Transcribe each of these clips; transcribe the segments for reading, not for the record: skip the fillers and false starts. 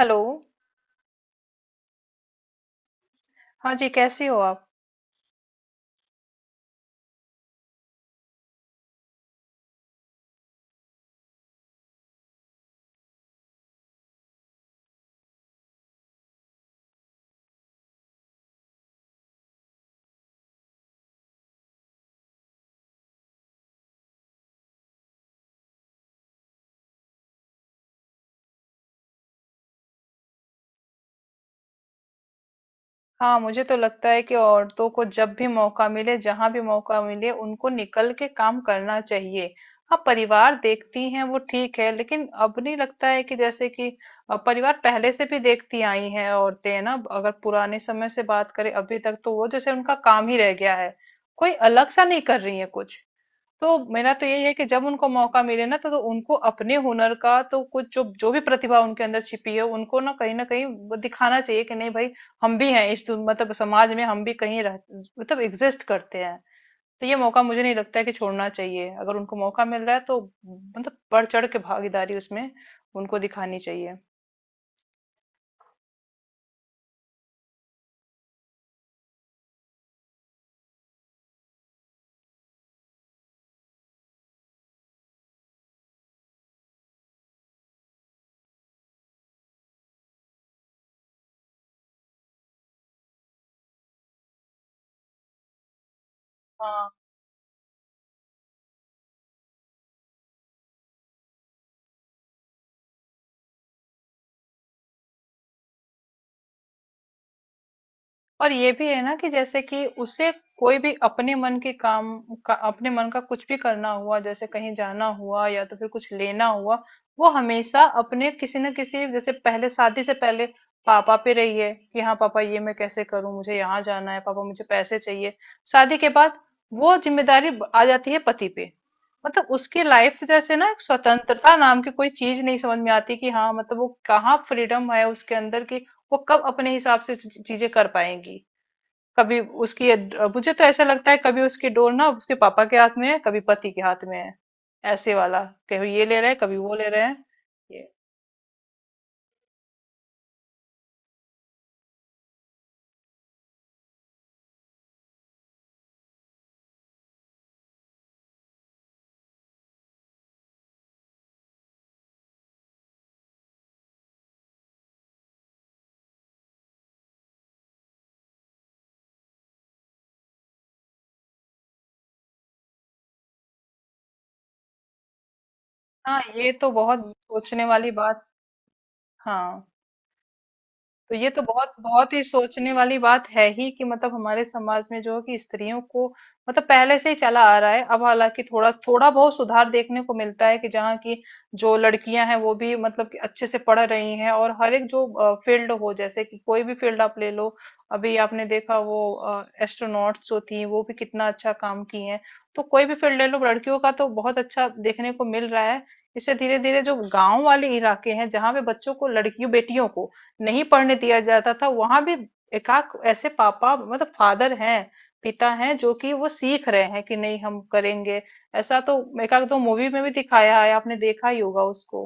Hello. हाँ जी, कैसी हो आप? हाँ मुझे तो लगता है कि औरतों को जब भी मौका मिले, जहां भी मौका मिले, उनको निकल के काम करना चाहिए। हाँ, परिवार देखती हैं वो ठीक है, लेकिन अब नहीं लगता है कि जैसे कि परिवार पहले से भी देखती आई हैं औरतें, है ना? अगर पुराने समय से बात करें अभी तक, तो वो जैसे उनका काम ही रह गया है, कोई अलग सा नहीं कर रही है कुछ। तो मेरा तो यही है कि जब उनको मौका मिले ना तो उनको अपने हुनर का, तो कुछ जो जो भी प्रतिभा उनके अंदर छिपी है, उनको ना कहीं वो दिखाना चाहिए कि नहीं भाई, हम भी हैं इस मतलब समाज में, हम भी कहीं रह, मतलब एग्जिस्ट करते हैं। तो ये मौका मुझे नहीं लगता है कि छोड़ना चाहिए, अगर उनको मौका मिल रहा है तो मतलब बढ़ चढ़ के भागीदारी उसमें उनको दिखानी चाहिए। हाँ, और ये भी है ना कि जैसे कि उसे कोई भी अपने मन के काम का, अपने मन का कुछ भी करना हुआ, जैसे कहीं जाना हुआ या तो फिर कुछ लेना हुआ, वो हमेशा अपने किसी न किसी, जैसे पहले शादी से पहले पापा पे रही है कि हाँ पापा ये मैं कैसे करूं, मुझे यहाँ जाना है पापा, मुझे पैसे चाहिए। शादी के बाद वो जिम्मेदारी आ जाती है पति पे। मतलब उसकी लाइफ जैसे ना, एक स्वतंत्रता नाम की कोई चीज नहीं समझ में आती कि हाँ, मतलब वो कहाँ फ्रीडम है उसके अंदर की। वो कब अपने हिसाब से चीजें कर पाएंगी कभी? उसकी, मुझे तो ऐसा लगता है कभी उसकी डोर ना उसके पापा के हाथ में है, कभी पति के हाथ में है, ऐसे वाला, कभी ये ले रहे हैं कभी वो ले रहे हैं ये। हाँ ये तो बहुत सोचने वाली बात। हाँ, तो ये तो बहुत बहुत ही सोचने वाली बात है ही कि मतलब हमारे समाज में जो है कि स्त्रियों को, मतलब पहले से ही चला आ रहा है। अब हालांकि थोड़ा थोड़ा बहुत सुधार देखने को मिलता है कि जहाँ की जो लड़कियां हैं वो भी मतलब कि अच्छे से पढ़ रही हैं, और हर एक जो फील्ड हो, जैसे कि कोई भी फील्ड आप ले लो, अभी आपने देखा वो एस्ट्रोनॉट्स जो थी वो भी कितना अच्छा काम की हैं, तो कोई भी फील्ड ले लो लड़कियों का तो बहुत अच्छा देखने को मिल रहा है। इससे धीरे धीरे जो गांव वाले इलाके हैं जहाँ पे बच्चों को, लड़कियों बेटियों को नहीं पढ़ने दिया जाता था, वहां भी एकाक ऐसे पापा, मतलब फादर हैं, पिता हैं, जो कि वो सीख रहे हैं कि नहीं हम करेंगे ऐसा, तो एकाक दो मूवी में भी दिखाया है, आपने देखा ही होगा उसको।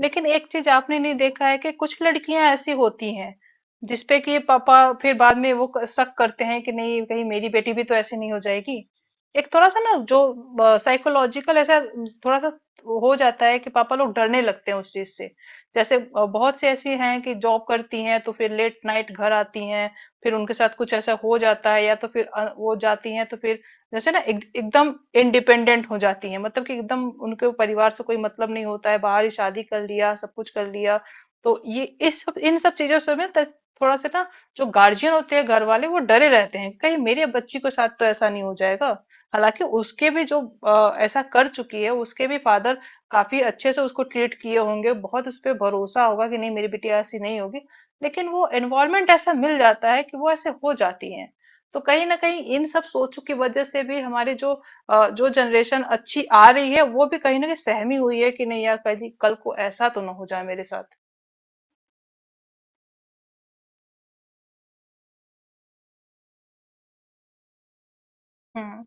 लेकिन एक चीज आपने नहीं देखा है कि कुछ लड़कियां ऐसी होती हैं जिसपे कि पापा फिर बाद में वो शक करते हैं कि नहीं कहीं मेरी बेटी भी तो ऐसी नहीं हो जाएगी। एक थोड़ा सा ना जो साइकोलॉजिकल ऐसा थोड़ा सा हो जाता है कि पापा लोग डरने लगते हैं उस चीज से। जैसे बहुत सी ऐसी हैं कि जॉब करती हैं तो फिर लेट नाइट घर आती हैं, फिर उनके साथ कुछ ऐसा हो जाता है, या तो फिर वो जाती हैं तो फिर जैसे ना एकदम इंडिपेंडेंट हो जाती है, मतलब कि एकदम उनके परिवार से कोई मतलब नहीं होता है, बाहर ही शादी कर लिया, सब कुछ कर लिया। तो ये, इस सब इन सब चीजों से में थोड़ा सा ना, जो गार्जियन होते हैं घर वाले वो डरे रहते हैं कहीं मेरे बच्ची के साथ तो ऐसा नहीं हो जाएगा। हालांकि उसके भी जो ऐसा कर चुकी है उसके भी फादर काफी अच्छे से उसको ट्रीट किए होंगे, बहुत उस पर भरोसा होगा कि नहीं मेरी बिटिया ऐसी नहीं होगी, लेकिन वो एनवायरमेंट ऐसा मिल जाता है कि वो ऐसे हो जाती है। तो कहीं ना कहीं इन सब सोचों की वजह से भी हमारी जो जो जनरेशन अच्छी आ रही है वो भी कहीं ना कहीं सहमी हुई है कि नहीं यार, कल कल को ऐसा तो ना हो जाए मेरे साथ। हम्म।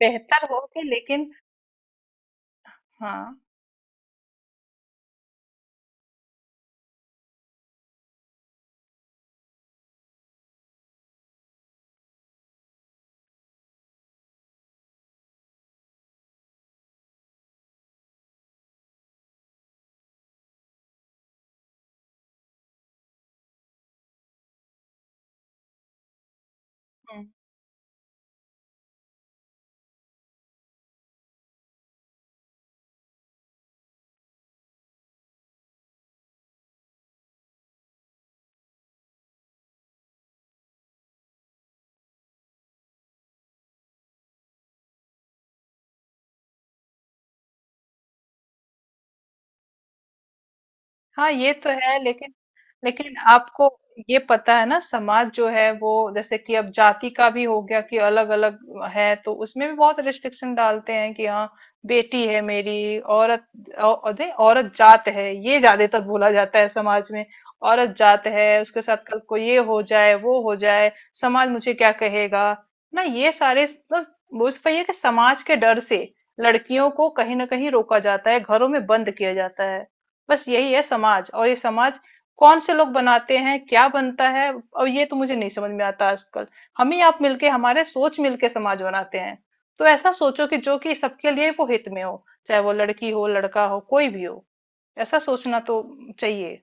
बेहतर हो कि, लेकिन हाँ। हम्म। हाँ ये तो है, लेकिन लेकिन आपको ये पता है ना समाज जो है वो जैसे कि अब जाति का भी हो गया कि अलग अलग है, तो उसमें भी बहुत रिस्ट्रिक्शन डालते हैं कि हाँ, बेटी है मेरी, औरत अरे, औरत जात है, ये ज्यादातर बोला जाता है समाज में। औरत जात है, उसके साथ कल को ये हो जाए वो हो जाए, समाज मुझे क्या कहेगा, ना ये सारे, मतलब उस पर ये कि समाज के डर से लड़कियों को कहीं ना कहीं रोका जाता है, घरों में बंद किया जाता है। बस यही है समाज, और ये समाज कौन से लोग बनाते हैं, क्या बनता है, और ये तो मुझे नहीं समझ में आता आजकल। हम ही, आप मिलके, हमारे सोच मिलके समाज बनाते हैं, तो ऐसा सोचो कि जो कि सबके लिए वो हित में हो, चाहे वो लड़की हो लड़का हो कोई भी हो, ऐसा सोचना तो चाहिए।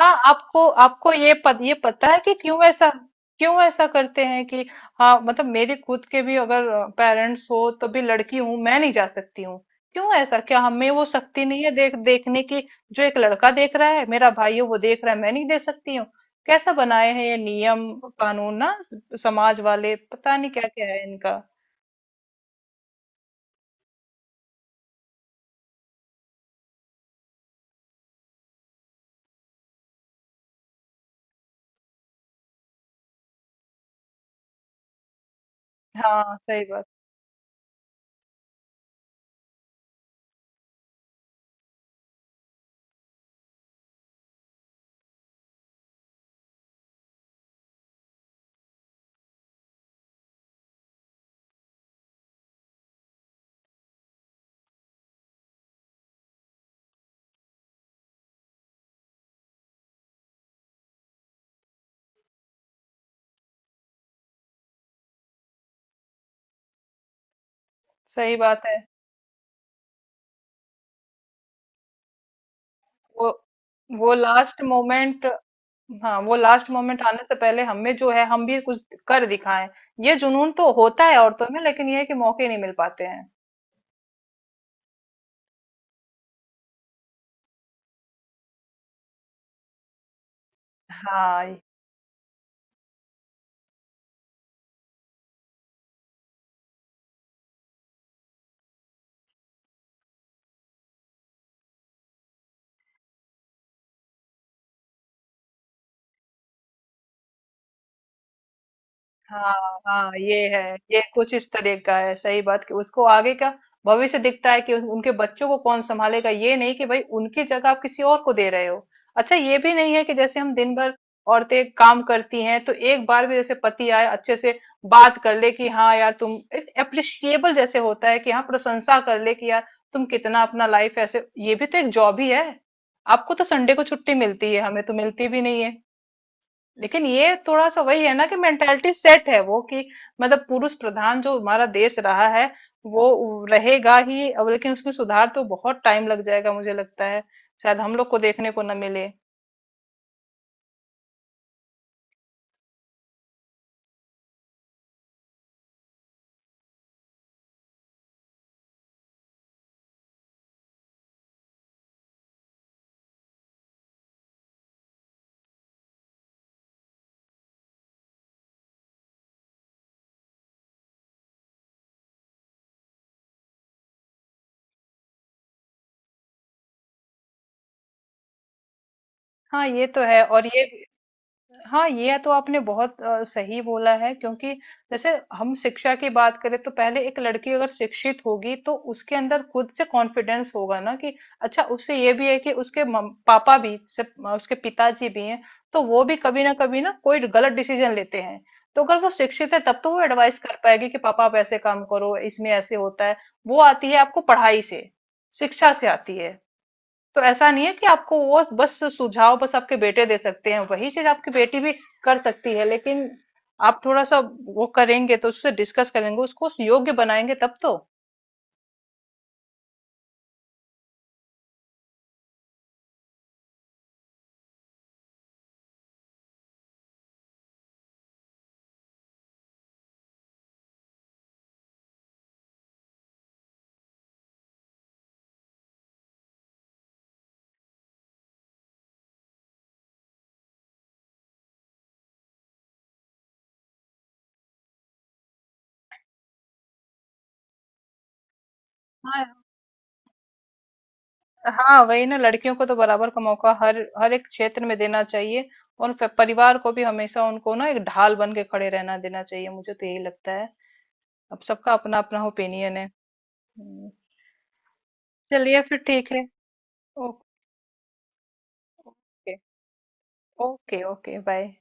हाँ, आपको आपको ये ये पता है कि क्यों ऐसा, क्यों ऐसा करते हैं कि? हाँ मतलब मेरे खुद के भी अगर पेरेंट्स हो तो भी लड़की हूँ, मैं नहीं जा सकती हूँ। क्यों ऐसा? क्या हमें वो शक्ति नहीं है देखने की जो एक लड़का देख रहा है, मेरा भाई है वो देख रहा है, मैं नहीं दे सकती हूँ। कैसा बनाए हैं ये नियम कानून ना, समाज वाले पता नहीं क्या क्या है इनका। हाँ सही बात। सही बात है। वो वो लास्ट मोमेंट, हाँ, वो लास्ट मोमेंट आने से पहले हमें जो है हम भी कुछ कर दिखाएं। ये जुनून तो होता है औरतों में, लेकिन ये है कि मौके नहीं मिल पाते हैं। हाँ, हाँ, हाँ, ये है, ये कुछ इस तरह का है, सही बात कि उसको आगे का भविष्य दिखता है कि उनके बच्चों को कौन संभालेगा, ये नहीं कि भाई उनकी जगह आप किसी और को दे रहे हो। अच्छा, ये भी नहीं है कि जैसे हम दिन भर, औरतें काम करती हैं तो एक बार भी जैसे पति आए अच्छे से बात कर ले कि हाँ यार तुम, एप्रिशिएबल जैसे होता है कि हाँ प्रशंसा कर ले कि यार तुम कितना अपना लाइफ, ऐसे ये भी तो एक जॉब ही है। आपको तो संडे को छुट्टी मिलती है, हमें तो मिलती भी नहीं है। लेकिन ये थोड़ा सा वही है ना कि मेंटेलिटी सेट है वो कि, मतलब पुरुष प्रधान जो हमारा देश रहा है वो रहेगा ही अब, लेकिन उसमें सुधार तो बहुत टाइम लग जाएगा मुझे लगता है, शायद हम लोग को देखने को न मिले। हाँ ये तो है, और ये, हाँ ये तो आपने बहुत सही बोला है, क्योंकि जैसे हम शिक्षा की बात करें तो पहले एक लड़की अगर शिक्षित होगी तो उसके अंदर खुद से कॉन्फिडेंस होगा ना कि अच्छा। उससे ये भी है कि उसके पापा भी से, उसके पिताजी भी हैं तो वो भी कभी ना कभी ना कोई गलत डिसीजन लेते हैं, तो अगर वो शिक्षित है तब तो वो एडवाइस कर पाएगी कि पापा आप ऐसे काम करो, इसमें ऐसे होता है। वो आती है आपको पढ़ाई से, शिक्षा से आती है। तो ऐसा नहीं है कि आपको वो बस सुझाव बस आपके बेटे दे सकते हैं, वही चीज आपकी बेटी भी कर सकती है, लेकिन आप थोड़ा सा, वो करेंगे तो उससे डिस्कस करेंगे, उसको योग्य बनाएंगे तब तो। हाँ। हाँ वही ना, लड़कियों को तो बराबर का मौका हर हर एक क्षेत्र में देना चाहिए। और परिवार को भी हमेशा उनको ना एक ढाल बन के खड़े रहना देना चाहिए, मुझे तो यही लगता है। अब सबका अपना अपना ओपिनियन है। हम्म। चलिए फिर ठीक है। Okay, okay, okay, bye.